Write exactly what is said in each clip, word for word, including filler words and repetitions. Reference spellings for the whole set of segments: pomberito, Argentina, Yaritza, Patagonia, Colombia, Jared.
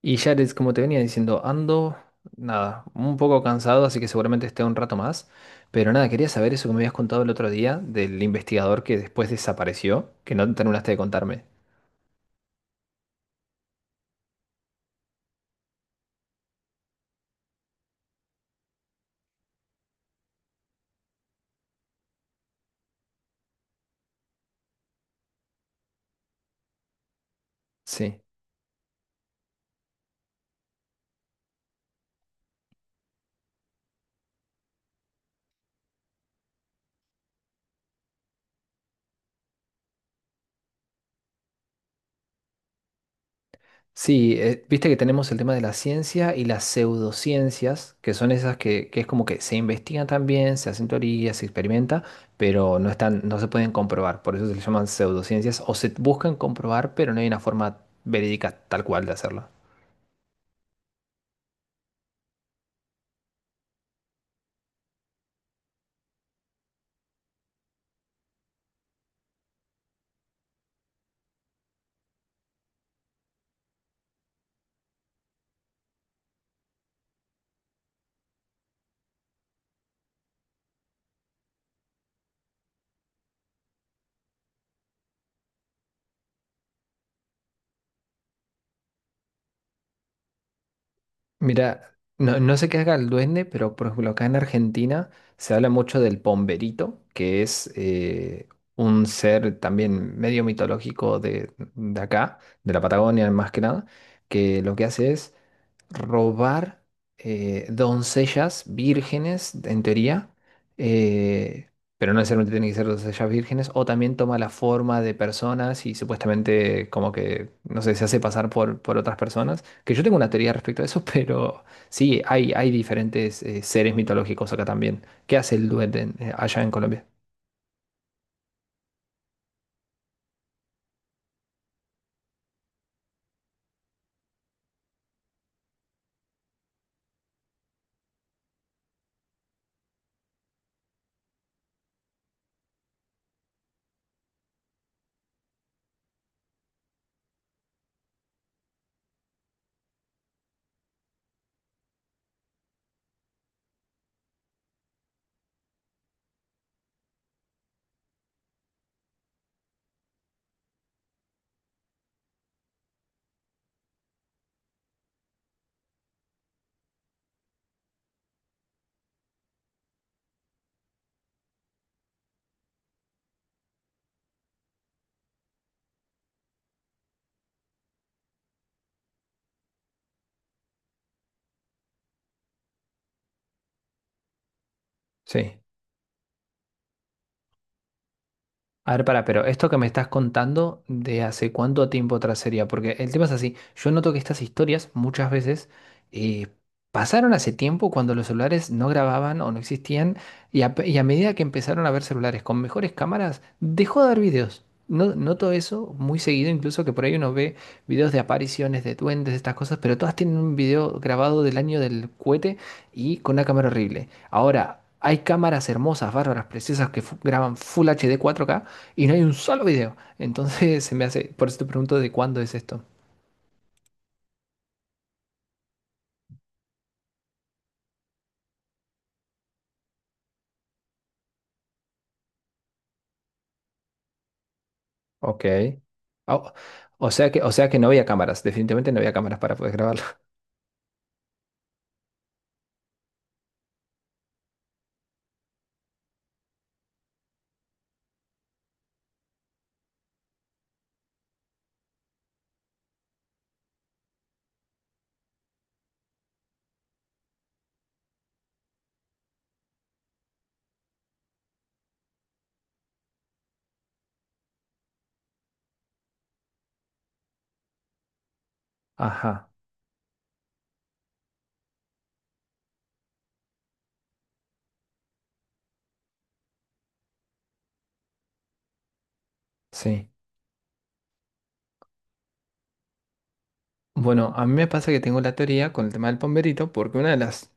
Y Jared, como te venía diciendo, ando, nada, un poco cansado, así que seguramente esté un rato más. Pero nada, quería saber eso que me habías contado el otro día del investigador que después desapareció, que no terminaste de contarme. Sí. Sí, eh, viste que tenemos el tema de la ciencia y las pseudociencias, que son esas que, que es como que se investigan también, se hacen teorías, se experimenta, pero no están, no se pueden comprobar. Por eso se le llaman pseudociencias o se buscan comprobar, pero no hay una forma verídica tal cual de hacerlo. Mira, no, no sé qué haga el duende, pero por ejemplo acá en Argentina se habla mucho del pomberito, que es eh, un ser también medio mitológico de, de acá, de la Patagonia más que nada, que lo que hace es robar eh, doncellas vírgenes, en teoría, eh, pero no necesariamente tienen que ser doncellas vírgenes, o también toma la forma de personas y supuestamente como que, no sé, se hace pasar por, por otras personas, que yo tengo una teoría respecto a eso, pero sí, hay, hay diferentes eh, seres mitológicos acá también. ¿Qué hace el duende en- eh, allá en Colombia? Sí. A ver, para, pero esto que me estás contando de hace cuánto tiempo atrás sería, porque el tema es así, yo noto que estas historias muchas veces eh, pasaron hace tiempo cuando los celulares no grababan o no existían y a, y a medida que empezaron a haber celulares con mejores cámaras, dejó de haber videos. No, noto eso muy seguido, incluso que por ahí uno ve videos de apariciones, de duendes, de estas cosas, pero todas tienen un video grabado del año del cohete y con una cámara horrible. Ahora, hay cámaras hermosas, bárbaras, preciosas que fu- graban Full H D cuatro K y no hay un solo video. Entonces se me hace, por eso te pregunto de cuándo es esto. Ok. Ah, o sea que, o sea que no había cámaras, definitivamente no había cámaras para poder grabarlo. Ajá, sí. Bueno, a mí me pasa que tengo la teoría con el tema del pomberito, porque una de las,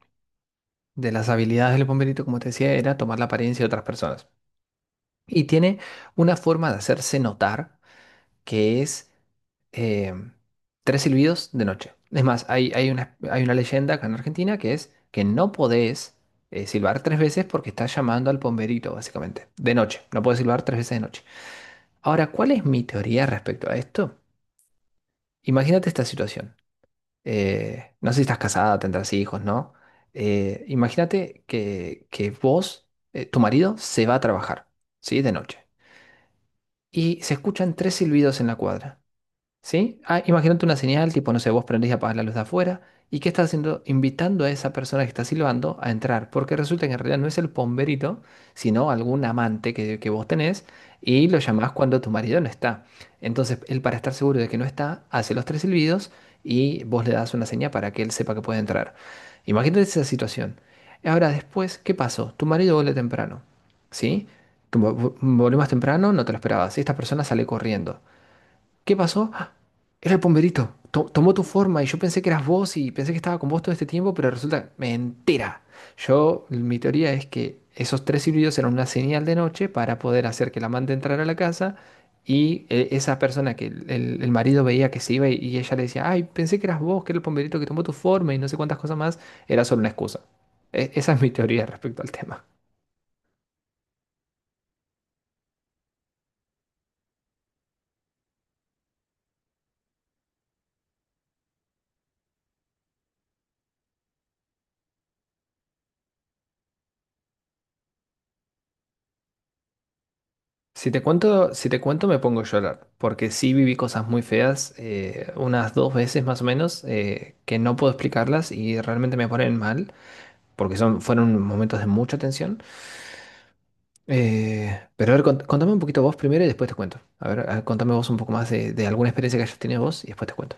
de las habilidades del pomberito, como te decía, era tomar la apariencia de otras personas. Y tiene una forma de hacerse notar que es eh, tres silbidos de noche. Es más, hay, hay una, hay una leyenda acá en Argentina que es que no podés eh, silbar tres veces porque estás llamando al pomberito, básicamente, de noche. No podés silbar tres veces de noche. Ahora, ¿cuál es mi teoría respecto a esto? Imagínate esta situación. Eh, no sé si estás casada, tendrás hijos, ¿no? Eh, imagínate que, que vos, eh, tu marido, se va a trabajar, ¿sí? De noche. Y se escuchan tres silbidos en la cuadra. ¿Sí? Ah, imagínate una señal, tipo, no sé, vos prendés y apagás la luz de afuera. ¿Y qué estás haciendo? Invitando a esa persona que está silbando a entrar. Porque resulta que en realidad no es el pomberito, sino algún amante que, que vos tenés y lo llamás cuando tu marido no está. Entonces, él para estar seguro de que no está, hace los tres silbidos y vos le das una señal para que él sepa que puede entrar. Imagínate esa situación. Ahora, después, ¿qué pasó? Tu marido vuelve temprano. ¿Sí? Tu- Volvió más temprano, no te lo esperabas. Esta persona sale corriendo. ¿Qué pasó? ¡Ah! Era el pomberito. To- tomó tu forma y yo pensé que eras vos y pensé que estaba con vos todo este tiempo, pero resulta mentira. Yo, mi teoría es que esos tres silbidos eran una señal de noche para poder hacer que la amante entrara a la casa y eh, esa persona que el, el- el marido veía que se iba y, y ella le decía, ay, pensé que eras vos, que era el pomberito que tomó tu forma y no sé cuántas cosas más, era solo una excusa. E- esa es mi teoría respecto al tema. Si te cuento, si te cuento me pongo a llorar, porque sí viví cosas muy feas, eh, unas dos veces más o menos, eh, que no puedo explicarlas y realmente me ponen mal, porque son, fueron momentos de mucha tensión. Eh, pero a ver, cont- contame un poquito vos primero y después te cuento. A ver, a- contame vos un poco más de, de alguna experiencia que hayas tenido vos y después te cuento.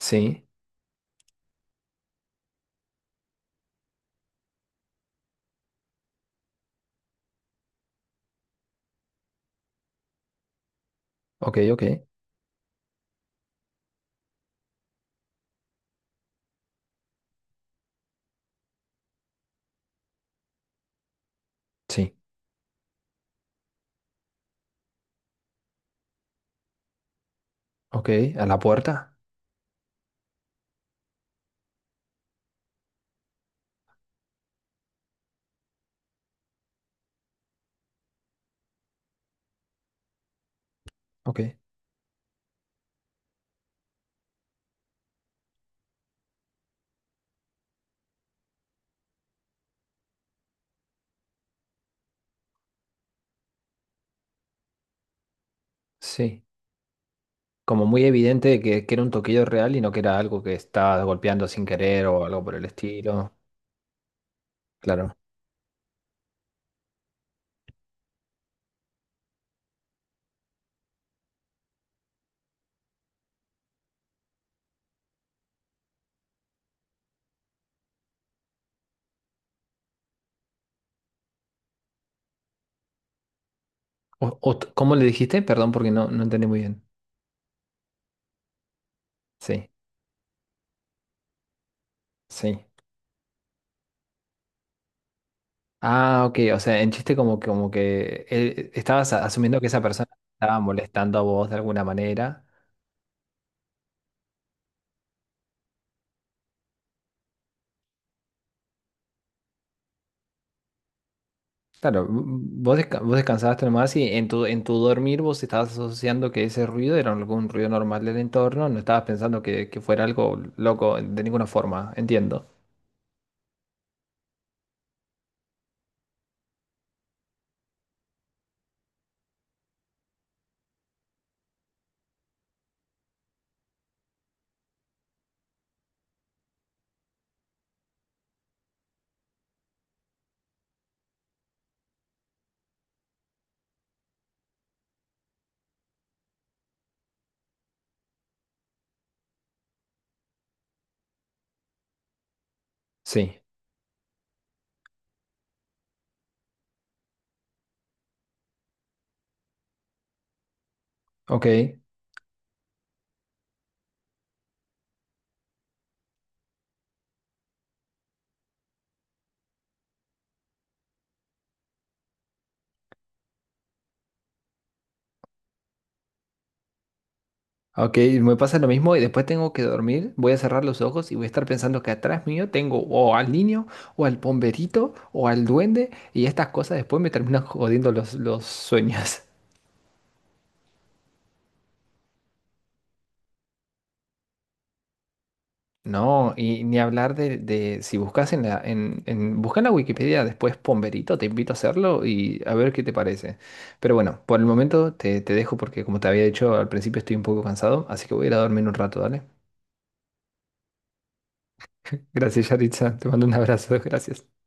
Sí, ok, ok, sí, ok, a la puerta, ok, sí. Como muy evidente que, que era un toquillo real y no que era algo que estaba golpeando sin querer o algo por el estilo. Claro. O- ot- ¿cómo le dijiste? Perdón, porque no, no entendí muy bien. Sí, sí. Ah, ok. O sea, en chiste como que, como que él- estabas a- asumiendo que esa persona estaba molestando a vos de alguna manera. Claro, v- vos, desca- vos descansabas nomás y en tu, en tu dormir vos estabas asociando que ese ruido era algún ruido normal del entorno, no estabas pensando que, que fuera algo loco de ninguna forma, entiendo. Sí, ok. Ok, me pasa lo mismo y después tengo que dormir. Voy a cerrar los ojos y voy a estar pensando que atrás mío tengo o al niño, o al pomberito, o al duende, y estas cosas después me terminan jodiendo los, los sueños. No, y ni hablar de, de si buscas en la, en, en, busca en la Wikipedia después pomberito, te invito a hacerlo y a ver qué te parece. Pero bueno, por el momento te, te dejo porque como te había dicho al principio estoy un poco cansado, así que voy a ir a dormir un rato, ¿vale? Gracias, Yaritza. Te mando un abrazo, gracias.